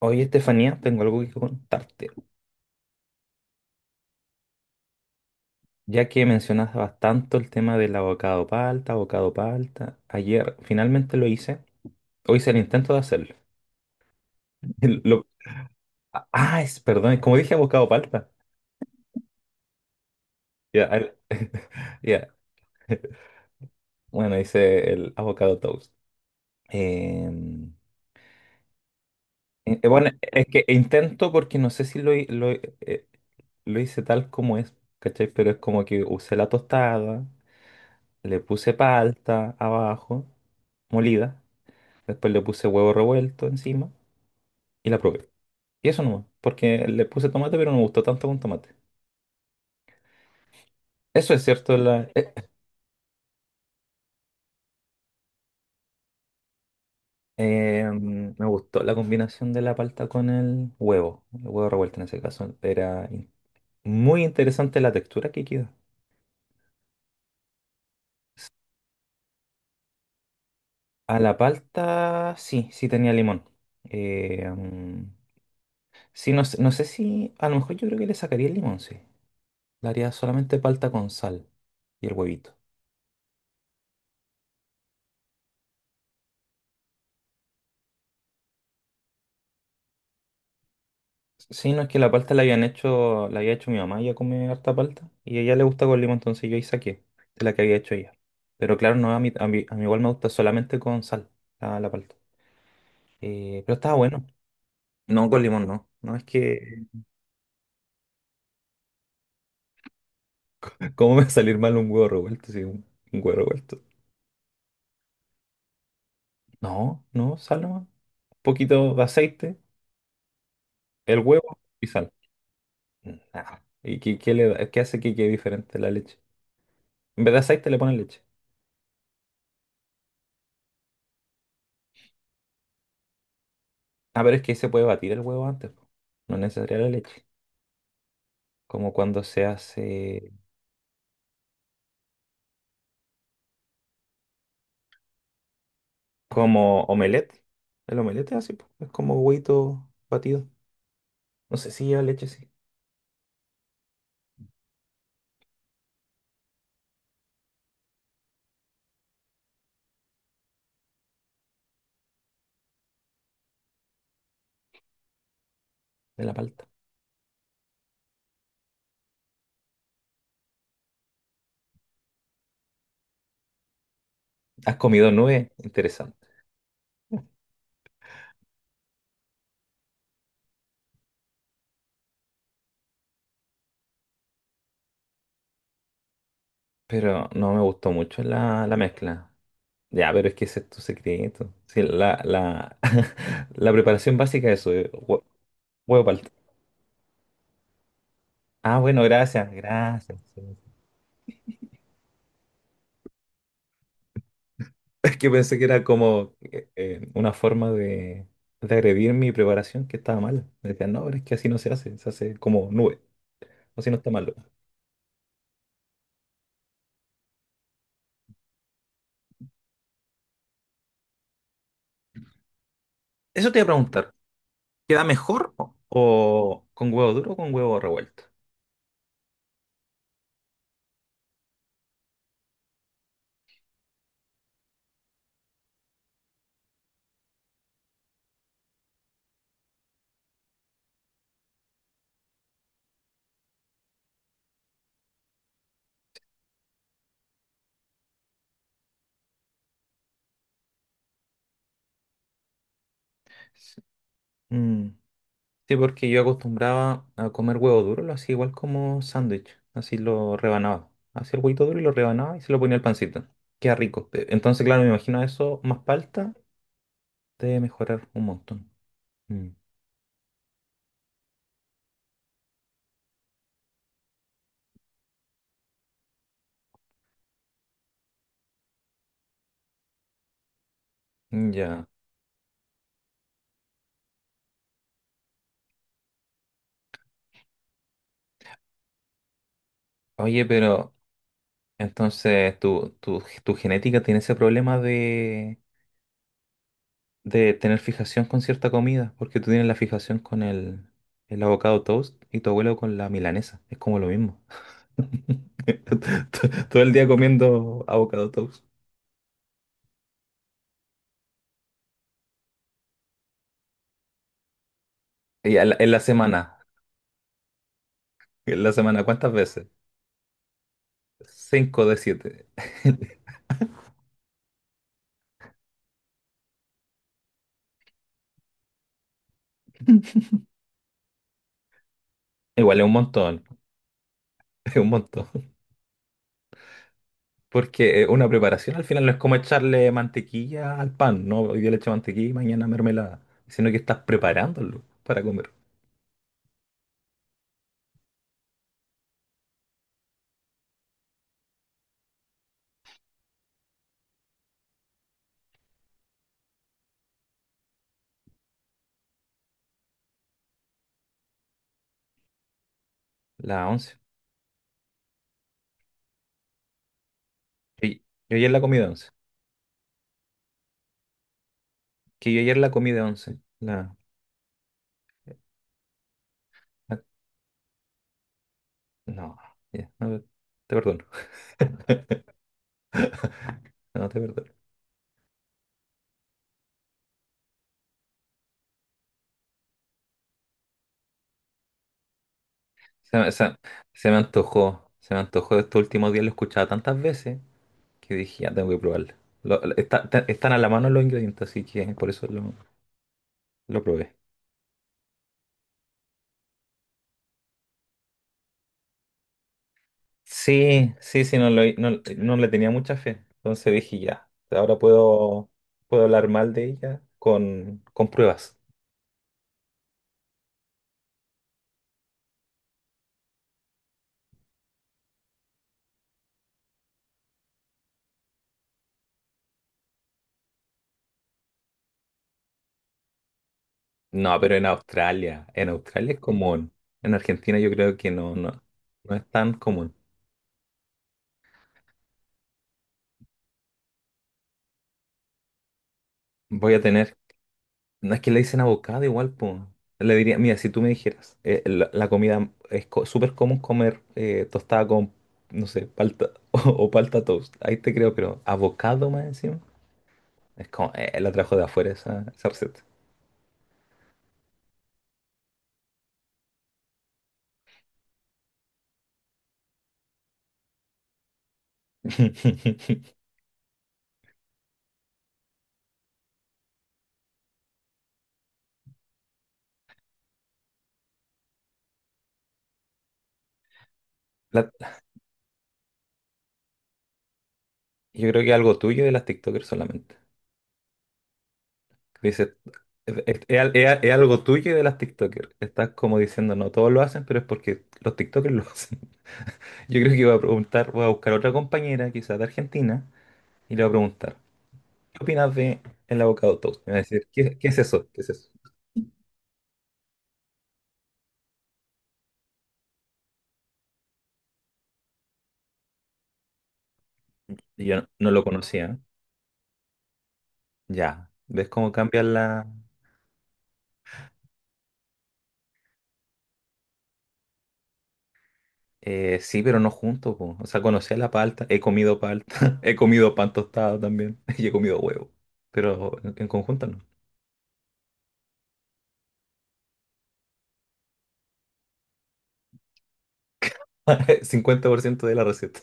Oye, Estefanía, tengo algo que contarte. Ya que mencionabas tanto el tema del abocado palta, ayer finalmente lo hice. Hoy hice el intento de hacerlo. El- lo- es, perdón, como dije abocado palta. Ya, al- ya. Bueno, hice el avocado toast. Em, bueno, es que intento porque no sé si lo hice tal como es, ¿cachai? Pero es como que usé la tostada, le puse palta abajo, molida. Después le puse huevo revuelto encima y la probé. Y eso nomás, porque le puse tomate, pero no me gustó tanto con tomate. Eso es cierto, me gustó la combinación de la palta con el huevo. El huevo revuelto en ese caso. Muy interesante la textura que quedó. A la palta, sí, sí tenía limón. Eh, mm, sí, no, no sé si, a lo mejor yo creo que le sacaría el limón, sí. Le haría solamente palta con sal y el huevito. Sí, no es que la palta la habían hecho, la había hecho mi mamá, ella come harta palta y a ella le gusta con limón, entonces yo ahí saqué de la que había hecho ella. Pero claro, no, a mí igual me gusta solamente con sal la palta. Pero estaba bueno. No, con limón no. No es que, ¿cómo me va a salir mal un huevo revuelto? Sí, un huevo revuelto. No, no, sal nomás. Un poquito de aceite, el huevo y sal. Nada. ¿Y qué hace que quede diferente la leche? En vez de aceite le ponen leche. Ah, pero es que se puede batir el huevo antes, po. No es necesaria la leche. Como cuando se hace como omelette. El omelette es así, po, es como huevito batido. No sé si lleva leche, sí, de la palta. ¿Has comido nube? Interesante. Pero no me gustó mucho la mezcla. Ya, pero es que ese es tu secreto. Sí, la preparación básica es eso, huevo palta. Ah, bueno, gracias, gracias. Sí. Es que pensé que era como una forma de agredir mi preparación que estaba mal. Me decían, no, pero es que así no se hace, se hace como nube. O si no está malo. Eso te iba a preguntar. ¿Queda mejor o con huevo duro o con huevo revuelto? Sí. Mm, sí, porque yo acostumbraba a comer huevo duro, lo hacía igual como sándwich. Así lo rebanaba. Hacía el huevito duro y lo rebanaba y se lo ponía al pancito. Queda rico. Entonces, claro, me imagino eso más palta debe mejorar un montón. Mm, ya. Oye, pero entonces tu genética tiene ese problema de tener fijación con cierta comida, porque tú tienes la fijación con el avocado toast y tu abuelo con la milanesa. Es como lo mismo. Todo el día comiendo avocado toast. En la semana, ¿cuántas veces? Cinco de siete. Igual es un montón, es un montón. Porque una preparación al final no es como echarle mantequilla al pan, ¿no? Hoy día le echo mantequilla y mañana mermelada, sino que estás preparándolo para comer. La once. Yo, yo ayer la comí de once. Que yo ayer la comí de once. La- no, ya, no, te perdono. No, te perdono. Se, se- se me antojó. Estos últimos días lo he escuchado tantas veces que dije, ya tengo que probarlo. Están a la mano los ingredientes, así que por eso lo probé. Sí, sí, sí, no, no, no le tenía mucha fe. Entonces dije, ya, ahora puedo, puedo hablar mal de ella con pruebas. No, pero en Australia es común. En Argentina yo creo que no, no, no es tan común. Voy a tener, no es que le dicen avocado, igual, pues. Le diría, mira, si tú me dijeras, la comida es súper común comer tostada con, no sé, palta o palta toast. Ahí te creo, pero abocado más encima. Es como, la trajo de afuera esa, esa receta. La- yo creo que algo tuyo de las TikTokers solamente. Dice, es algo tuyo y de las TikTokers. Estás como diciendo, no todos lo hacen, pero es porque los TikTokers lo hacen. Yo creo que voy a preguntar, voy a buscar otra compañera, quizás de Argentina, y le voy a preguntar, ¿qué opinas de el avocado toast? Me va a decir, qué es eso? ¿Qué es eso? Y yo no, no lo conocía. Ya, ¿ves cómo cambian la...? Sí, pero no juntos, po. O sea, conocía la palta, he comido palta, he comido pan tostado también, y he comido huevo, pero en conjunto no. 50% de la receta.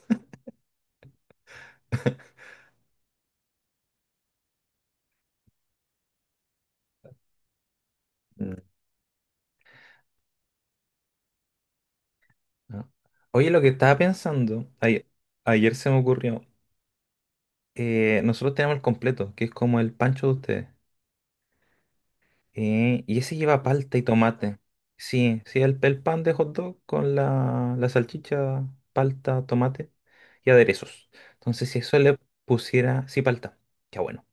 ¿No? Oye, lo que estaba pensando, ayer, ayer se me ocurrió, nosotros tenemos el completo, que es como el pancho de ustedes, y ese lleva palta y tomate. Sí, sí, el pan de hot dog con la salchicha, palta, tomate y aderezos. Entonces, si eso le pusiera, sí, palta, ya bueno.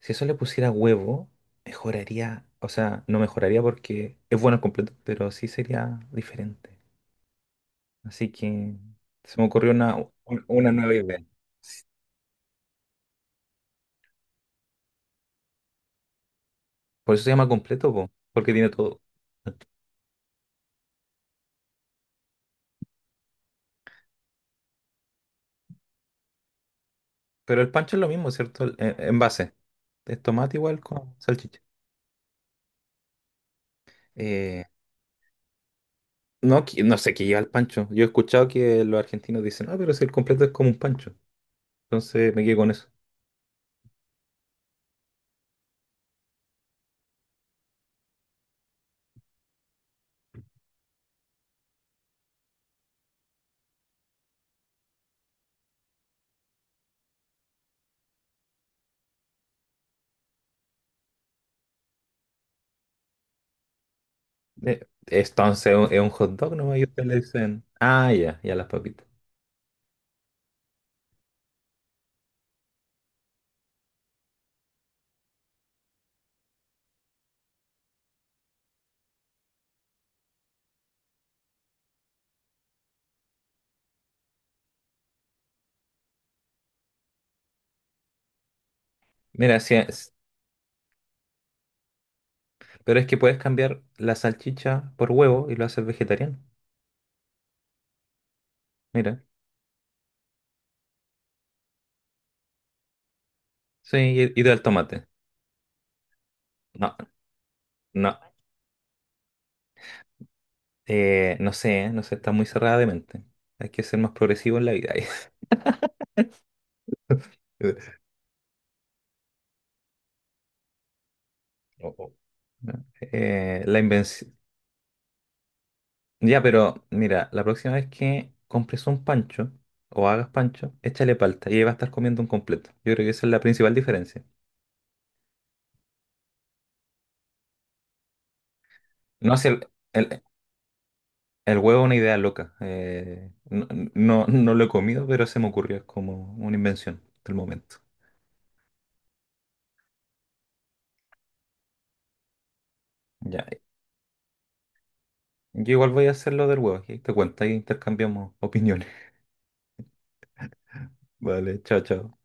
Si eso le pusiera huevo, mejoraría, o sea, no mejoraría porque es bueno el completo, pero sí sería diferente. Así que se me ocurrió una nueva idea. Por eso se llama completo, po, porque tiene todo. Pero el pancho es lo mismo, ¿cierto? En base. Es tomate igual con salchicha. Eh, no, no sé qué lleva el pancho. Yo he escuchado que los argentinos dicen, ah, pero si el completo es como un pancho. Entonces me quedo con eso. Entonces es un hot dog nomás y ustedes le dicen, ah, ya, ya las papitas. Mira, pero es que puedes cambiar la salchicha por huevo y lo haces vegetariano. Mira. Sí, y del tomate. No, no. No sé, no sé, está muy cerrada de mente. Hay que ser más progresivo en la vida. O- o- ¿no? La invención. Ya, pero mira, la próxima vez que compres un pancho o hagas pancho, échale palta y ahí va a estar comiendo un completo. Yo creo que esa es la principal diferencia. No sé, el, el huevo es una idea loca. No, no, no lo he comido, pero se me ocurrió. Es como una invención del momento. Ya, yo igual voy a hacer lo del huevo. Y ahí te cuento, ahí intercambiamos opiniones. Vale, chao, chao.